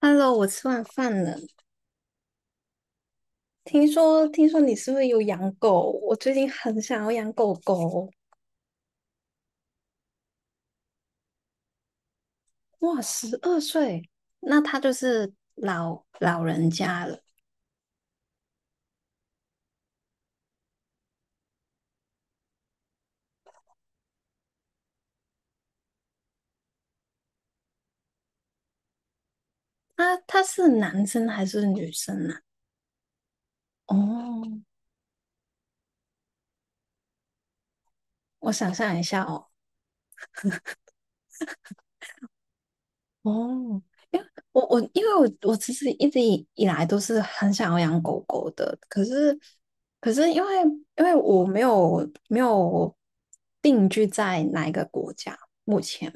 Hello，我吃完饭了。听说，你是不是有养狗？我最近很想要养狗狗。哇，12岁，那他就是老人家了。他是男生还是女生啊？哦，我想象一下哦。哦，因为因为我其实一直以来都是很想要养狗狗的，可是因为我没有定居在哪一个国家目前，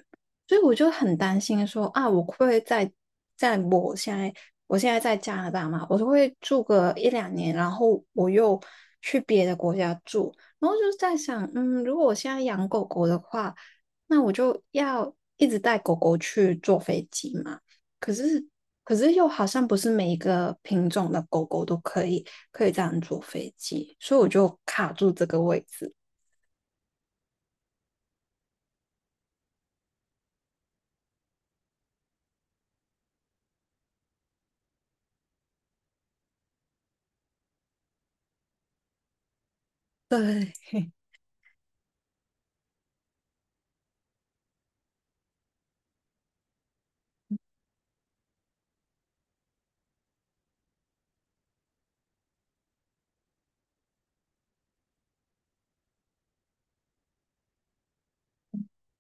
所以我就很担心说啊，我会不会在我现在在加拿大嘛，我就会住个一两年，然后我又去别的国家住，然后就在想，如果我现在养狗狗的话。那我就要一直带狗狗去坐飞机嘛。可是，可是又好像不是每一个品种的狗狗都可以这样坐飞机，所以我就卡住这个位置。对，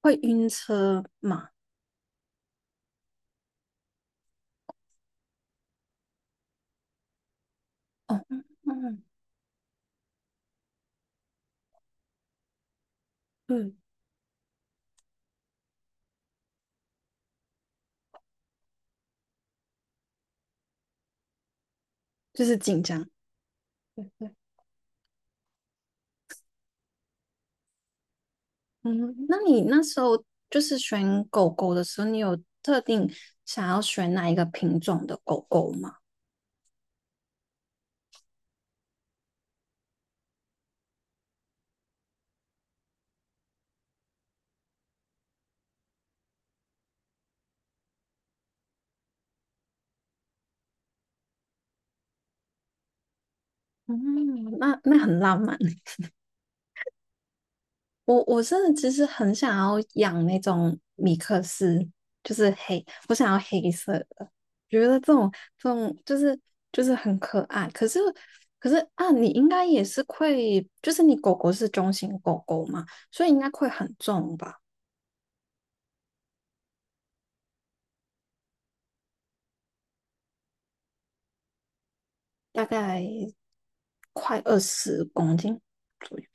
会晕车嘛？哦，嗯嗯，就是紧张。对对，嗯，那你那时候就是选狗狗的时候，你有特定想要选哪一个品种的狗狗吗？嗯，那很浪漫。我真的其实很想要养那种米克斯，就是黑，我想要黑色的，觉得这种就是很可爱。可是啊，你应该也是会，就是你狗狗是中型狗狗嘛，所以应该会很重吧，大概快二十公斤左右。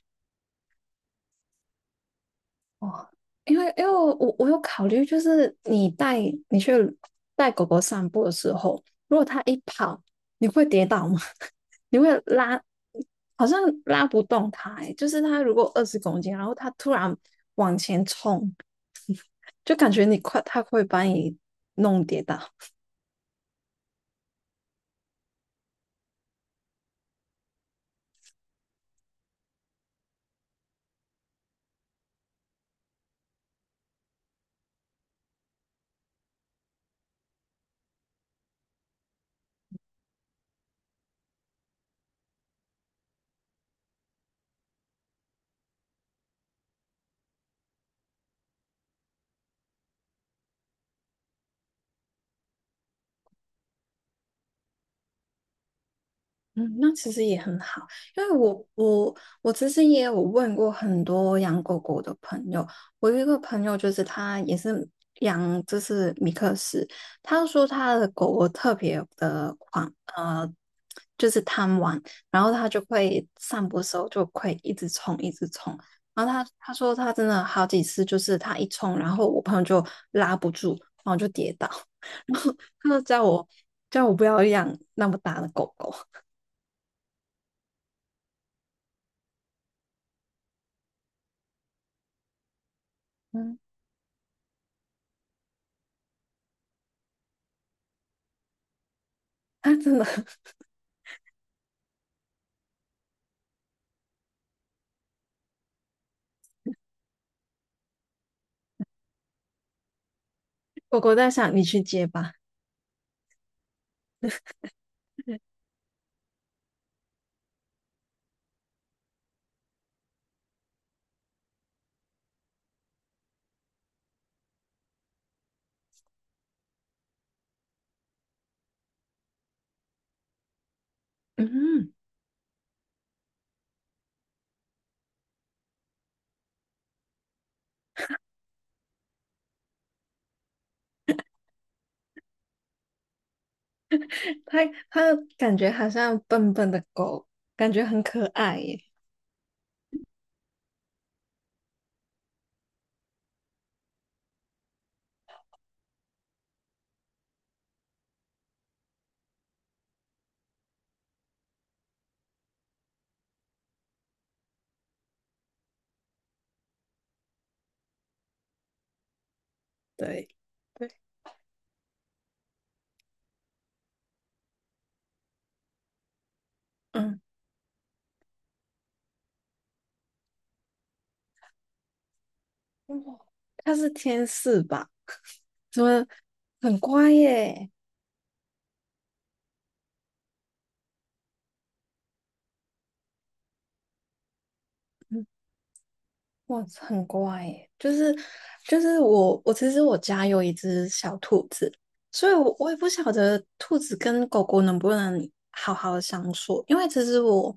哦，因为我有考虑，就是你去带狗狗散步的时候，如果它一跑，你会跌倒吗？你会拉，好像拉不动它、欸，就是它如果二十公斤，然后它突然往前冲，就感觉你快，它会把你弄跌倒。嗯，那其实也很好，因为我其实也有问过很多养狗狗的朋友，我有一个朋友就是他也是养就是米克斯，他说他的狗狗特别的狂，就是贪玩，然后他就会散步的时候就会一直冲一直冲，然后他说他真的好几次就是他一冲，然后我朋友就拉不住，然后就跌倒，然后他就叫我不要养那么大的狗狗。啊，真的，狗狗在想你去接吧。嗯，它它感觉好像笨笨的狗，感觉很可爱耶。对对，嗯，哇，它是天使吧？怎么很乖耶？嗯，哇，很乖耶，就是我其实我家有一只小兔子，所以我也不晓得兔子跟狗狗能不能好好的相处，因为其实我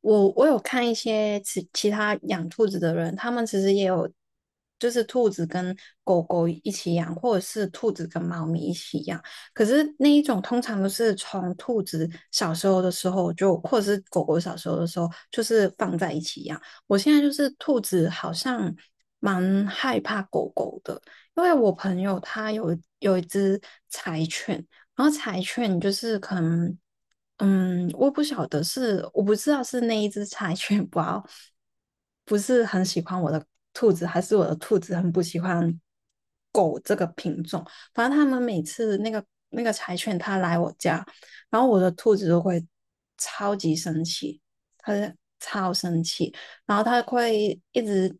我我有看一些其他养兔子的人，他们其实也有就是兔子跟狗狗一起养，或者是兔子跟猫咪一起养，可是那一种通常都是从兔子小时候的时候就，或者是狗狗小时候的时候，就是放在一起养。我现在就是兔子，好像蛮害怕狗狗的，因为我朋友他有一只柴犬，然后柴犬就是可能，我不知道是那一只柴犬 不好，不是很喜欢我的兔子，还是我的兔子很不喜欢反正他们每次那个柴犬它来我家，然后我的兔子都会超级生气，它是超生气，然后它会一直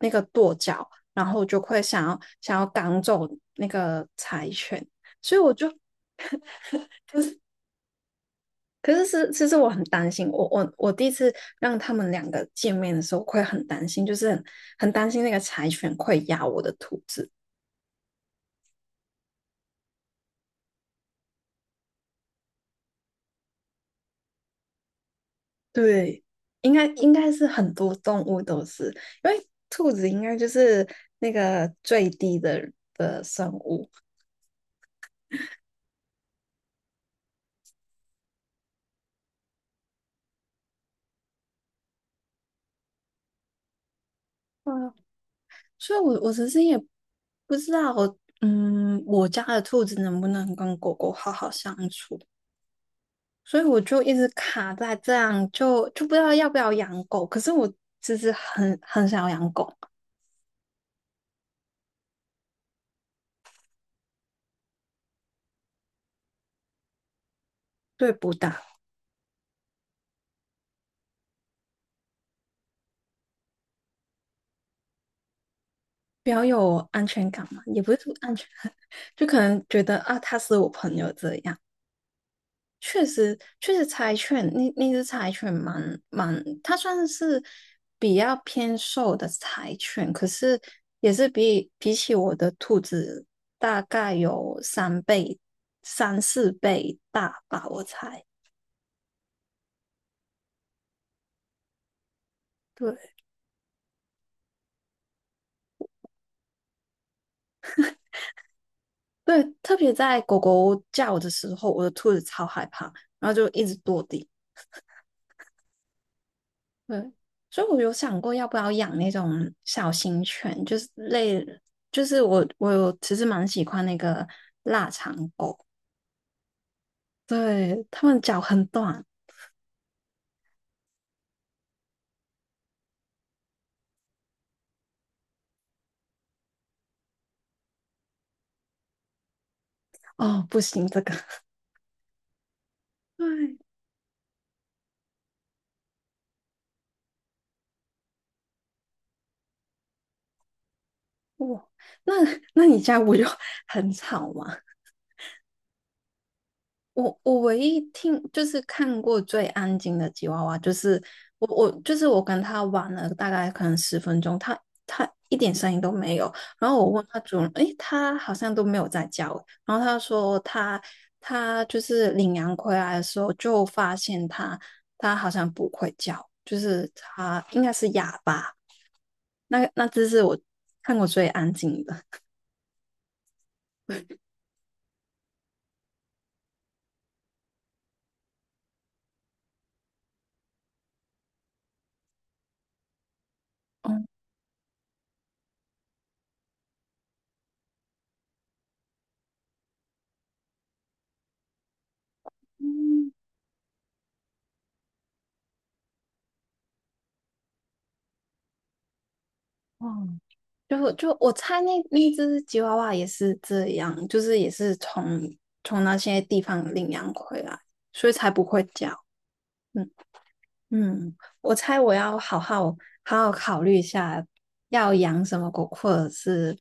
那个跺脚，然后就会想要赶走那个柴犬，所以我就。可是，其实我很担心，我第一次让他们两个见面的时候，我会很担心，就是很担心那个柴犬会咬我的兔子。对，应该是很多动物都是，因为兔子应该就是那个最低的生物。嗯，所以我其实也不知道，我家的兔子能不能跟狗狗好好相处，所以我就一直卡在这样，就不知道要不要养狗。可是我其实很想要养狗，对不大，比较有安全感嘛，也不是说安全感，就可能觉得啊，它是我朋友这样。确实，柴犬那只柴犬蛮，它算是比较偏瘦的柴犬，可是也是比起我的兔子大概有三倍、三四倍大吧，我猜。对对，特别在狗狗叫的时候，我的兔子超害怕，然后就一直跺地。对，所以我有想过要不要养那种小型犬，就是类，就是我有其实蛮喜欢那个，对，他们脚很短哦，不行，这个 对，哇，那那你家我就 很吵吗？我唯一听就是看过最安静的吉娃娃，就是我就是我跟他玩了大概可能10分钟，他一点声音都没有。然后我问他主人，诶，他好像都没有在叫。然后他说他就是领羊回来的时候就发现他好像不会叫，就是他应该是哑巴。那只是我看过最安静的。嗯嗯，哇，就我猜那只吉娃娃也是这样，就是也是从那些地方领养回来，所以才不会叫。嗯嗯，我猜我要好好考虑一下，要养什么狗，或者是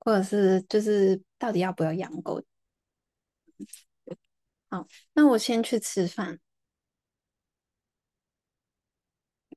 或者是就是到底要不要养狗。好，那我先去吃饭。